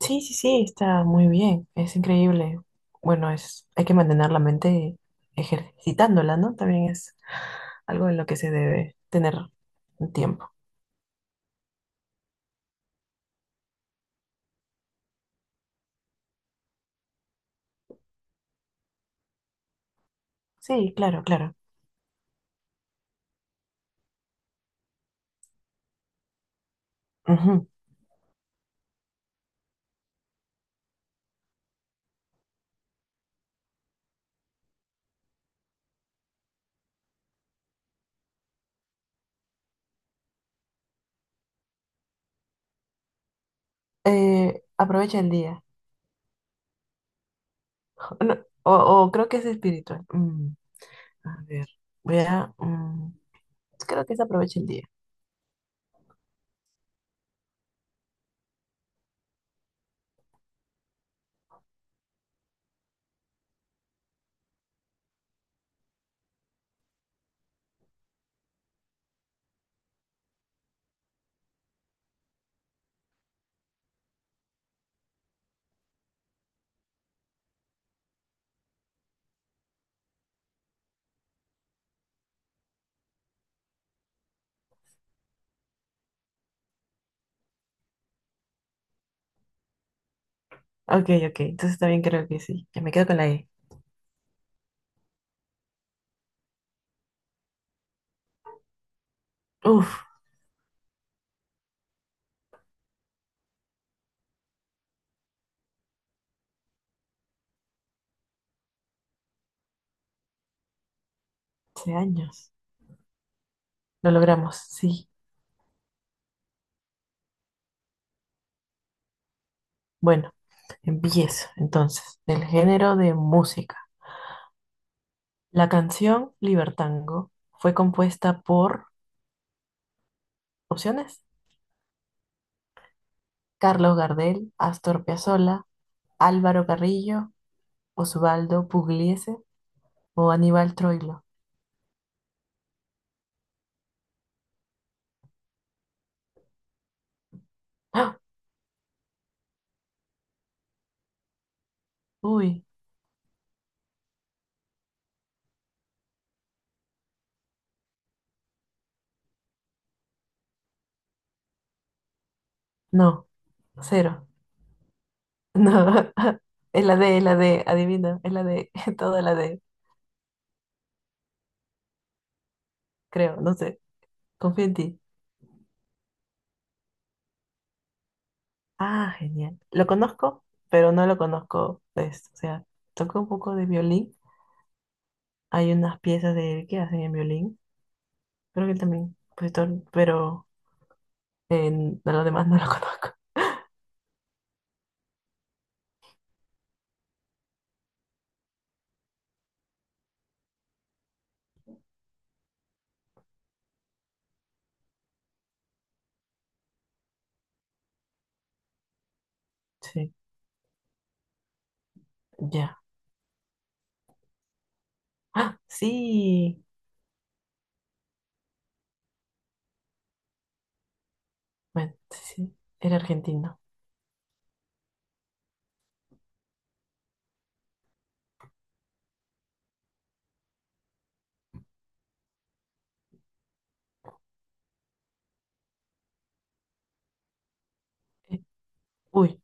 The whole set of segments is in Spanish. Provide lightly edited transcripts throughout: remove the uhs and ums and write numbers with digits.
Sí, sí, sí, está muy bien, es increíble. Bueno, hay que mantener la mente ejercitándola, ¿no? También es algo en lo que se debe tener un tiempo. Sí, claro, claro. Ujú. Aprovecha el día. No, o creo que es espiritual. Mm, a ver, voy a... mm, creo que es aprovecha el día. Ok, ok, entonces también creo que sí. Ya me quedo con la E. Uf, hace años. Lo logramos, sí. Bueno, empiezo entonces. Del género de música. La canción Libertango fue compuesta por opciones Carlos Gardel, Astor Piazzolla, Álvaro Carrillo, Osvaldo Pugliese o Aníbal Troilo. ¡Ah! Uy, no, cero. No, es la D, adivina, es la D, toda la D, creo, no sé, confío en ti. Ah, genial. Lo conozco, pero no lo conozco, pues, o sea, toco un poco de violín. Hay unas piezas de él que hacen en violín, creo que él también, compositor, pero en, a lo demás no lo conozco. Sí, ya. Ah, sí. Bueno, sí, sí. Era argentino. Eh, Uy,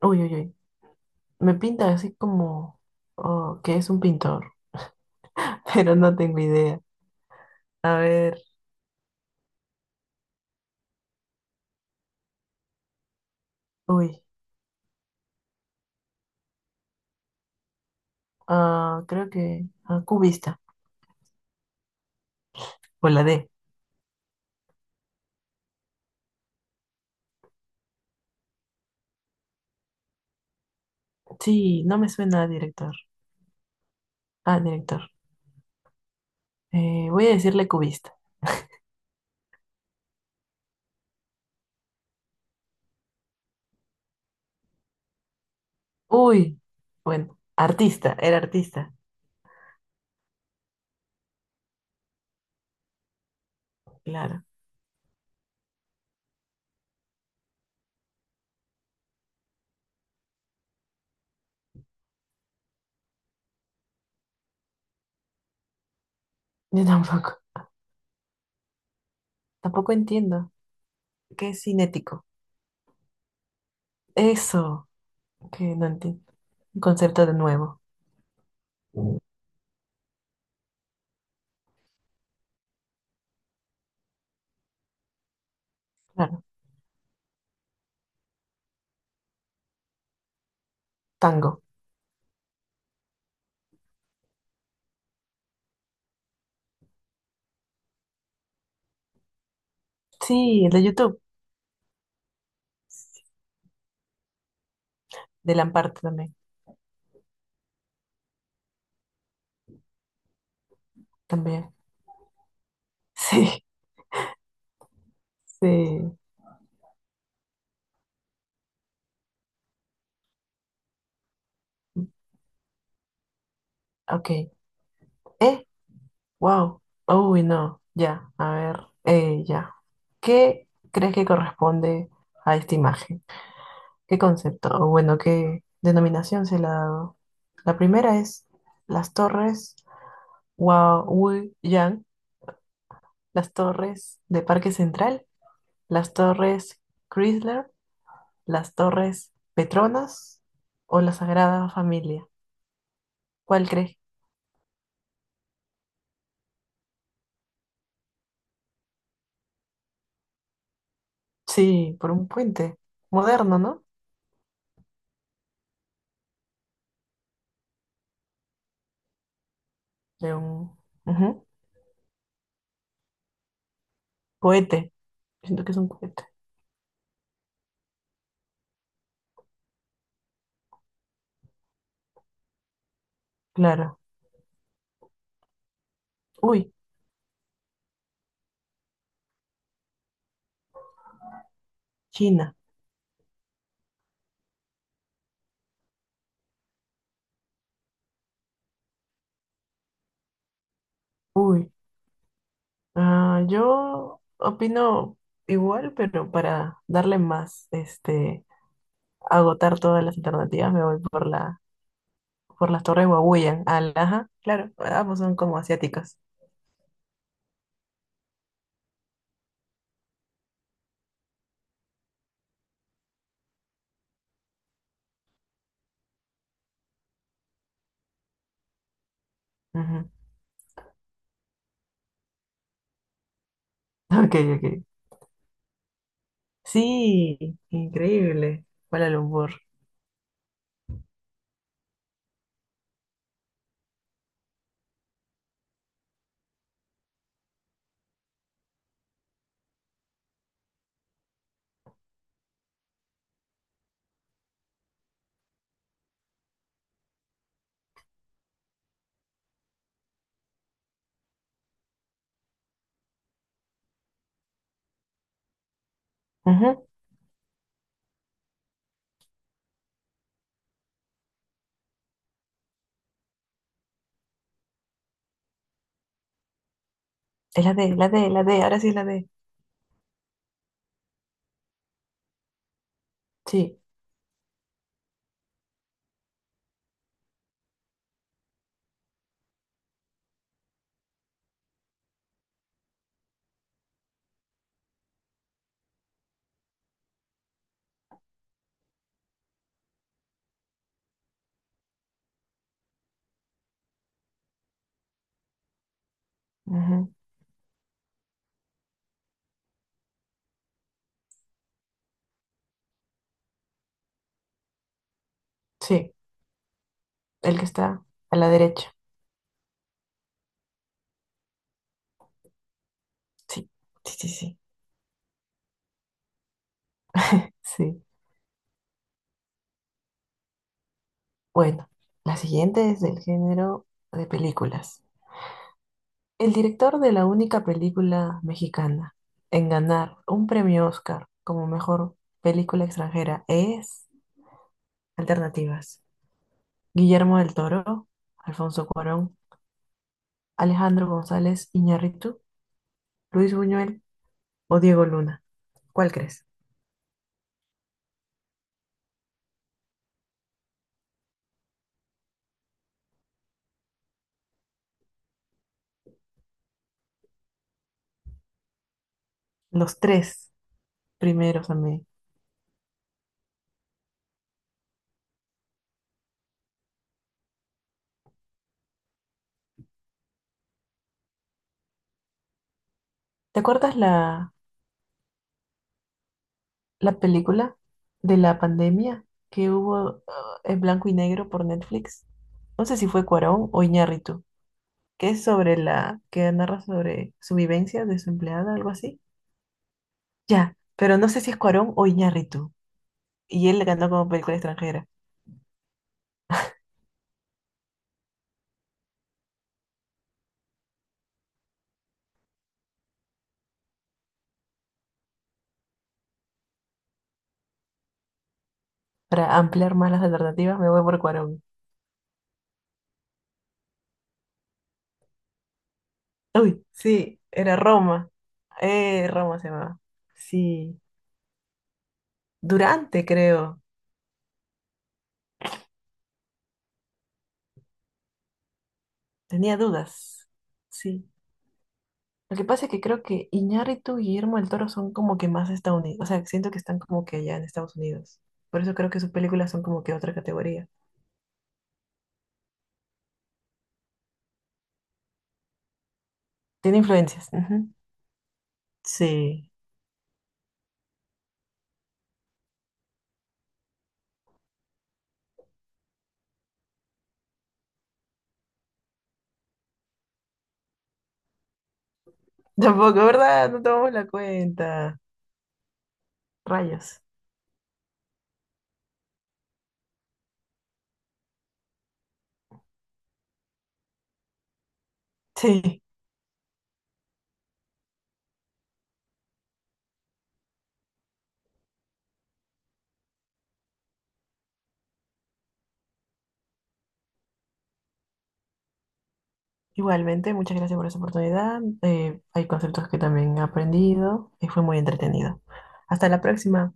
uy, uy, uy. Me pinta así como oh, que es un pintor, pero no tengo idea. A ver, uy. Creo que cubista. O la D. Sí, no me suena a director. Ah, director. Voy a decirle cubista. Uy, bueno, artista, era artista. Claro. Yo tampoco. Tampoco entiendo. ¿Qué es cinético? Eso. Que no entiendo. Un concepto de nuevo. Claro. Tango. Sí, el de YouTube. De Lamparte también. También. Sí, sí. Ok. Eh, wow. Uy, no. Ya, a ver. Ya. ¿Qué crees que corresponde a esta imagen? ¿Qué concepto? O bueno, ¿qué denominación se le ha dado? La primera es las torres Yang, las torres de Parque Central, las torres Chrysler, ¿las Torres Petronas o la Sagrada Familia? ¿Cuál crees? Sí, por un puente moderno, ¿no? De un ujú, cohete. Siento que es un cohete. Claro. Uy, China. Uy. Ah, yo opino igual, pero para darle más, este, agotar todas las alternativas, me voy por la, por las Torres Huawei. Ajá, claro. Ambos son como asiáticas. Ujú. Ok, ok. Sí, increíble. Kuala Lumpur. Ujú, es la D, la D, la D, ahora sí es la D. Sí, ujú, sí, el que está a la derecha. Sí, sí, sí, sí. Sí. Bueno, la siguiente es del género de películas. El director de la única película mexicana en ganar un premio Oscar como mejor película extranjera es. Alternativas. ¿Guillermo del Toro, Alfonso Cuarón, Alejandro González Iñárritu, Luis Buñuel o Diego Luna? ¿Cuál crees? Los tres primeros a mí. ¿Te acuerdas la película de la pandemia que hubo en blanco y negro por Netflix? No sé si fue Cuarón o Iñárritu, que narra sobre su vivencia de su empleada, algo así. Ya, pero no sé si es Cuarón o Iñárritu. Y él le ganó como película extranjera. Para ampliar más las alternativas, me voy por Cuarón. Uy, sí, era Roma. Roma se llamaba. Sí. Durante, creo. Tenía dudas. Sí. Lo que pasa es que creo que Iñárritu y Guillermo del Toro son como que más estadounidenses. O sea, siento que están como que allá en Estados Unidos. Por eso creo que sus películas son como que otra categoría. Tiene influencias. Ujú. Sí. Tampoco, ¿verdad? No tomamos la cuenta. Rayos. Sí. Igualmente, muchas gracias por esa oportunidad. Hay conceptos que también he aprendido y fue muy entretenido. Hasta la próxima.